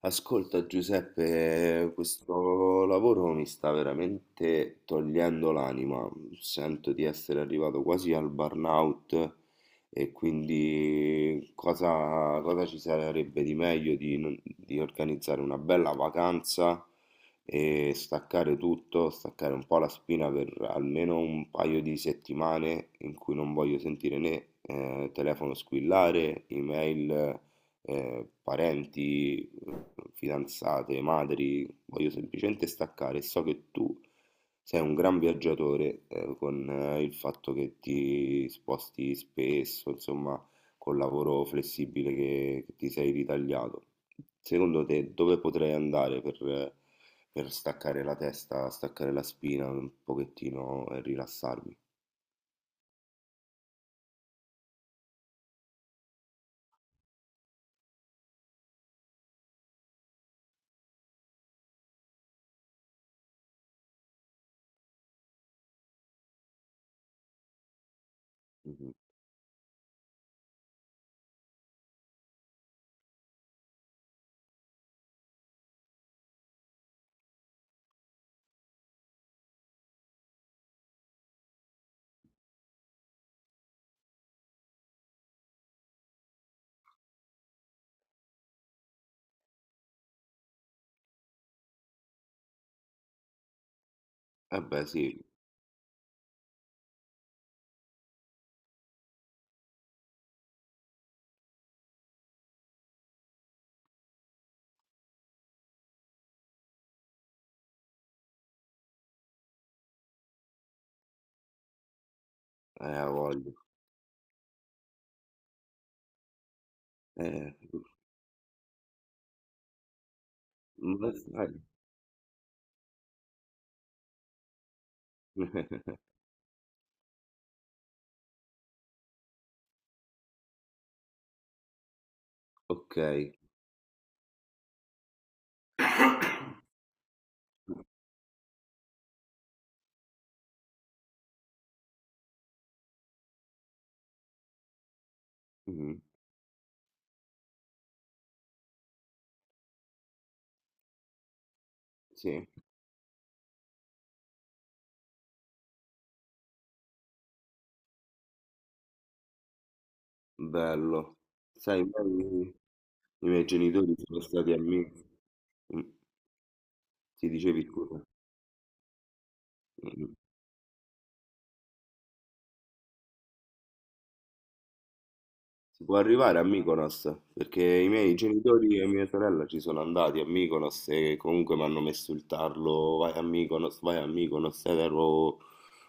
Ascolta Giuseppe, questo lavoro mi sta veramente togliendo l'anima. Sento di essere arrivato quasi al burnout, e quindi cosa ci sarebbe di meglio di, non- di organizzare una bella vacanza e staccare tutto, staccare un po' la spina per almeno un paio di settimane, in cui non voglio sentire né telefono squillare, email, parenti, fidanzate, madri. Voglio semplicemente staccare, e so che tu sei un gran viaggiatore, con il fatto che ti sposti spesso, insomma, col lavoro flessibile che ti sei ritagliato. Secondo te dove potrei andare per staccare la testa, staccare la spina un pochettino e rilassarmi? Mhm. Eh beh sì. Eh, ha voglia. Eh, ma sai- Ok. Mh-mh. Sì, bello. Sai, poi i miei genitori sono stati a Myk- mh, sì, dicevi scusa? Mh-mh. Si può arrivare a Mykonos? Perché i miei genitori e mia sorella ci sono andati a Mykonos e comunque m'hanno messo il tarlo: vai a Mykonos", ed ero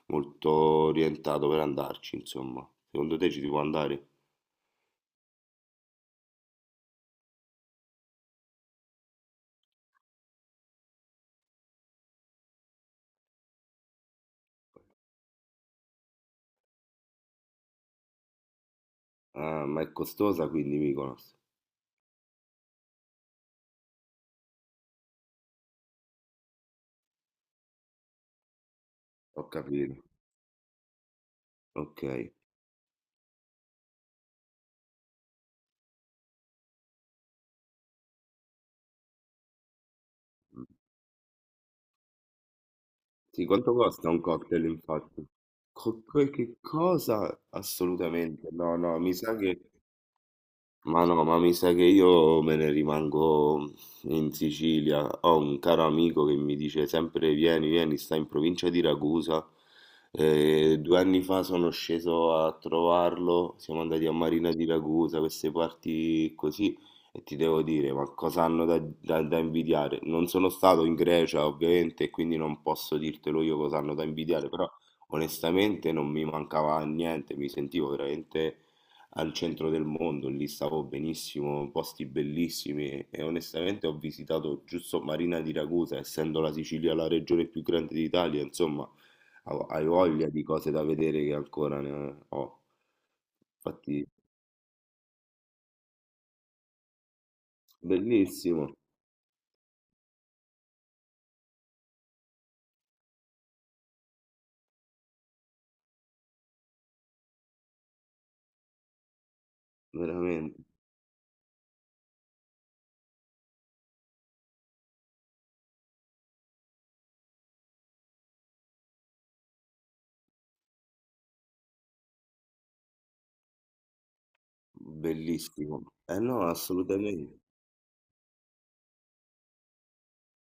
molto orientato per andarci, insomma. Secondo te ci si può andare? Ah, ma è costosa quindi Mykonos? Ho capito, okay. Mh. Sì, quanto costa un cocktail, infatti? Quel che cosa? Assolutamente no, no, mi sa che... Ma no, ma mi sa che io me ne rimango in Sicilia. Ho un caro amico che mi dice sempre vieni, vieni, sta in provincia di Ragusa. 2 anni fa sono sceso a trovarlo, siamo andati a Marina di Ragusa, queste parti così, e ti devo dire, ma cosa hanno da invidiare? Non sono stato in Grecia, ovviamente, e quindi non posso dirtelo io cosa hanno da invidiare, però onestamente non mi mancava niente, mi sentivo veramente al centro del mondo, lì stavo benissimo, posti bellissimi, e onestamente ho visitato giusto Marina di Ragusa. Essendo la Sicilia la regione più grande d'Italia, insomma, hai voglia di cose da vedere che ancora ne ho. Infatti, bellissimo, veramente, bellissimo. Eh no, assolutamente.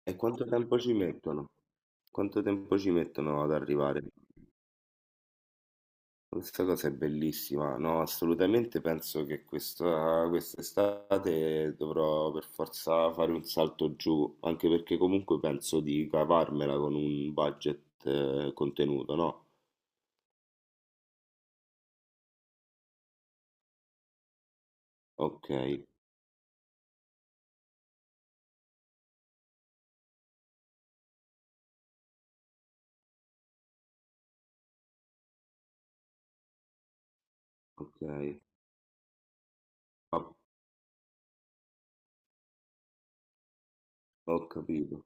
E quanto tempo ci mettono? Quanto tempo ci mettono ad arrivare? Questa cosa è bellissima, no, assolutamente penso che questa, quest'estate dovrò per forza fare un salto giù, anche perché comunque penso di cavarmela con un budget contenuto, no? Ok, ok, ho, ho capito.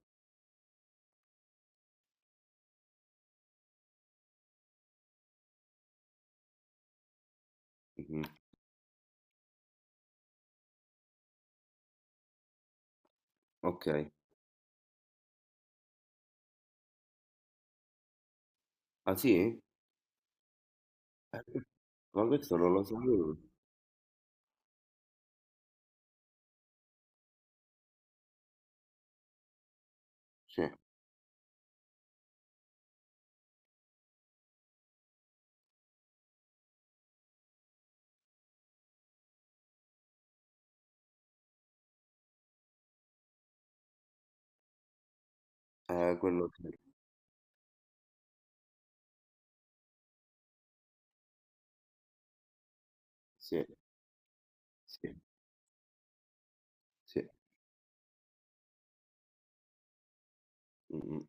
Mhm. Ok, ah sì? Ma questo non lo sapevo. Sì, quello sì, sì, sì, sì. Mm.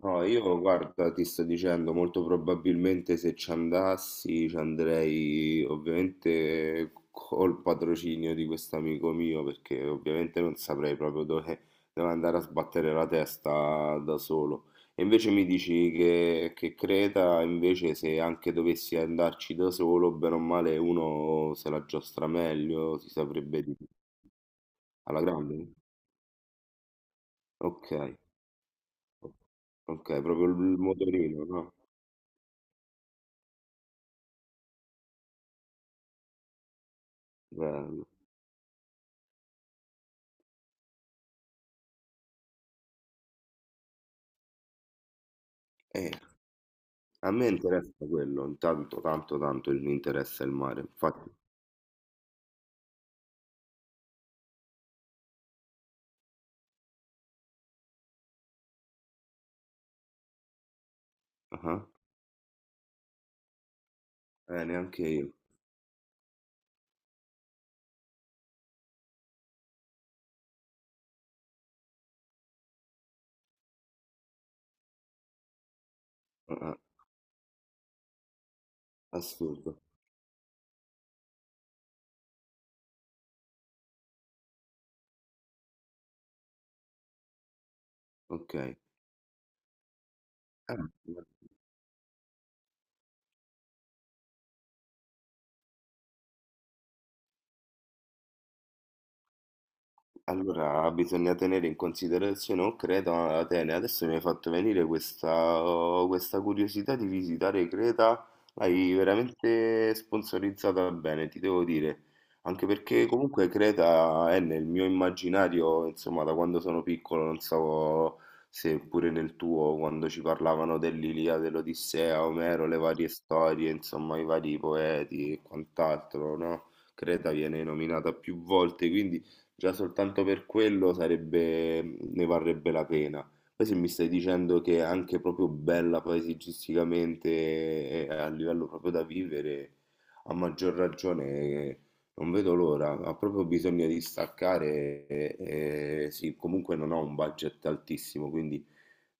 No, io guarda, ti sto dicendo, molto probabilmente se ci andassi ci andrei ovviamente col patrocinio di questo amico mio, perché ovviamente non saprei proprio dove, dove andare a sbattere la testa da solo. E invece mi dici che Creta, invece se anche dovessi andarci da solo, bene o male uno se la giostra meglio, si saprebbe di... Alla grande? Ok, ok, proprio il motorino, no? Bello. Eh, a me interessa quello, intanto tanto tanto mi interessa il mare, infatti, ah, neanche io, ah, ah, assurdo, ok. Ah, allora, bisogna tenere in considerazione, o Creta o Atene. Adesso mi hai fatto venire questa curiosità di visitare Creta, l'hai veramente sponsorizzata bene, ti devo dire. Anche perché comunque Creta è nel mio immaginario, insomma, da quando sono piccolo, non so se pure nel tuo, quando ci parlavano dell'Ilia, dell'Odissea, Omero, le varie storie, insomma, i vari poeti e quant'altro, no? Creta viene nominata più volte, quindi... Già soltanto per quello sarebbe, ne varrebbe la pena. Poi se mi stai dicendo che è anche proprio bella paesaggisticamente e a livello proprio da vivere, a maggior ragione non vedo l'ora. Ha proprio bisogno di staccare e sì, comunque non ho un budget altissimo, quindi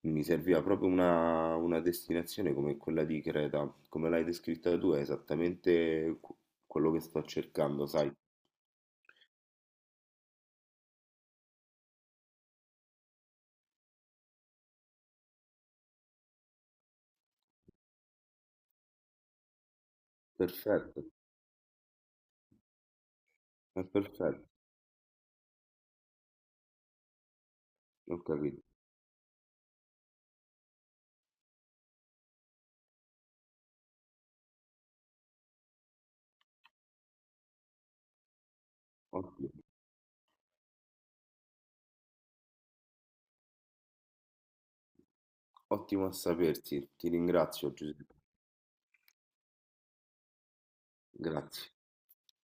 mi serviva proprio una destinazione come quella di Creta. Come l'hai descritta tu è esattamente quello che sto cercando, sai? Perfetto, è perfetto. Ho capito, ottimo, ottimo a sapersi, ti ringrazio Giuseppe, grazie.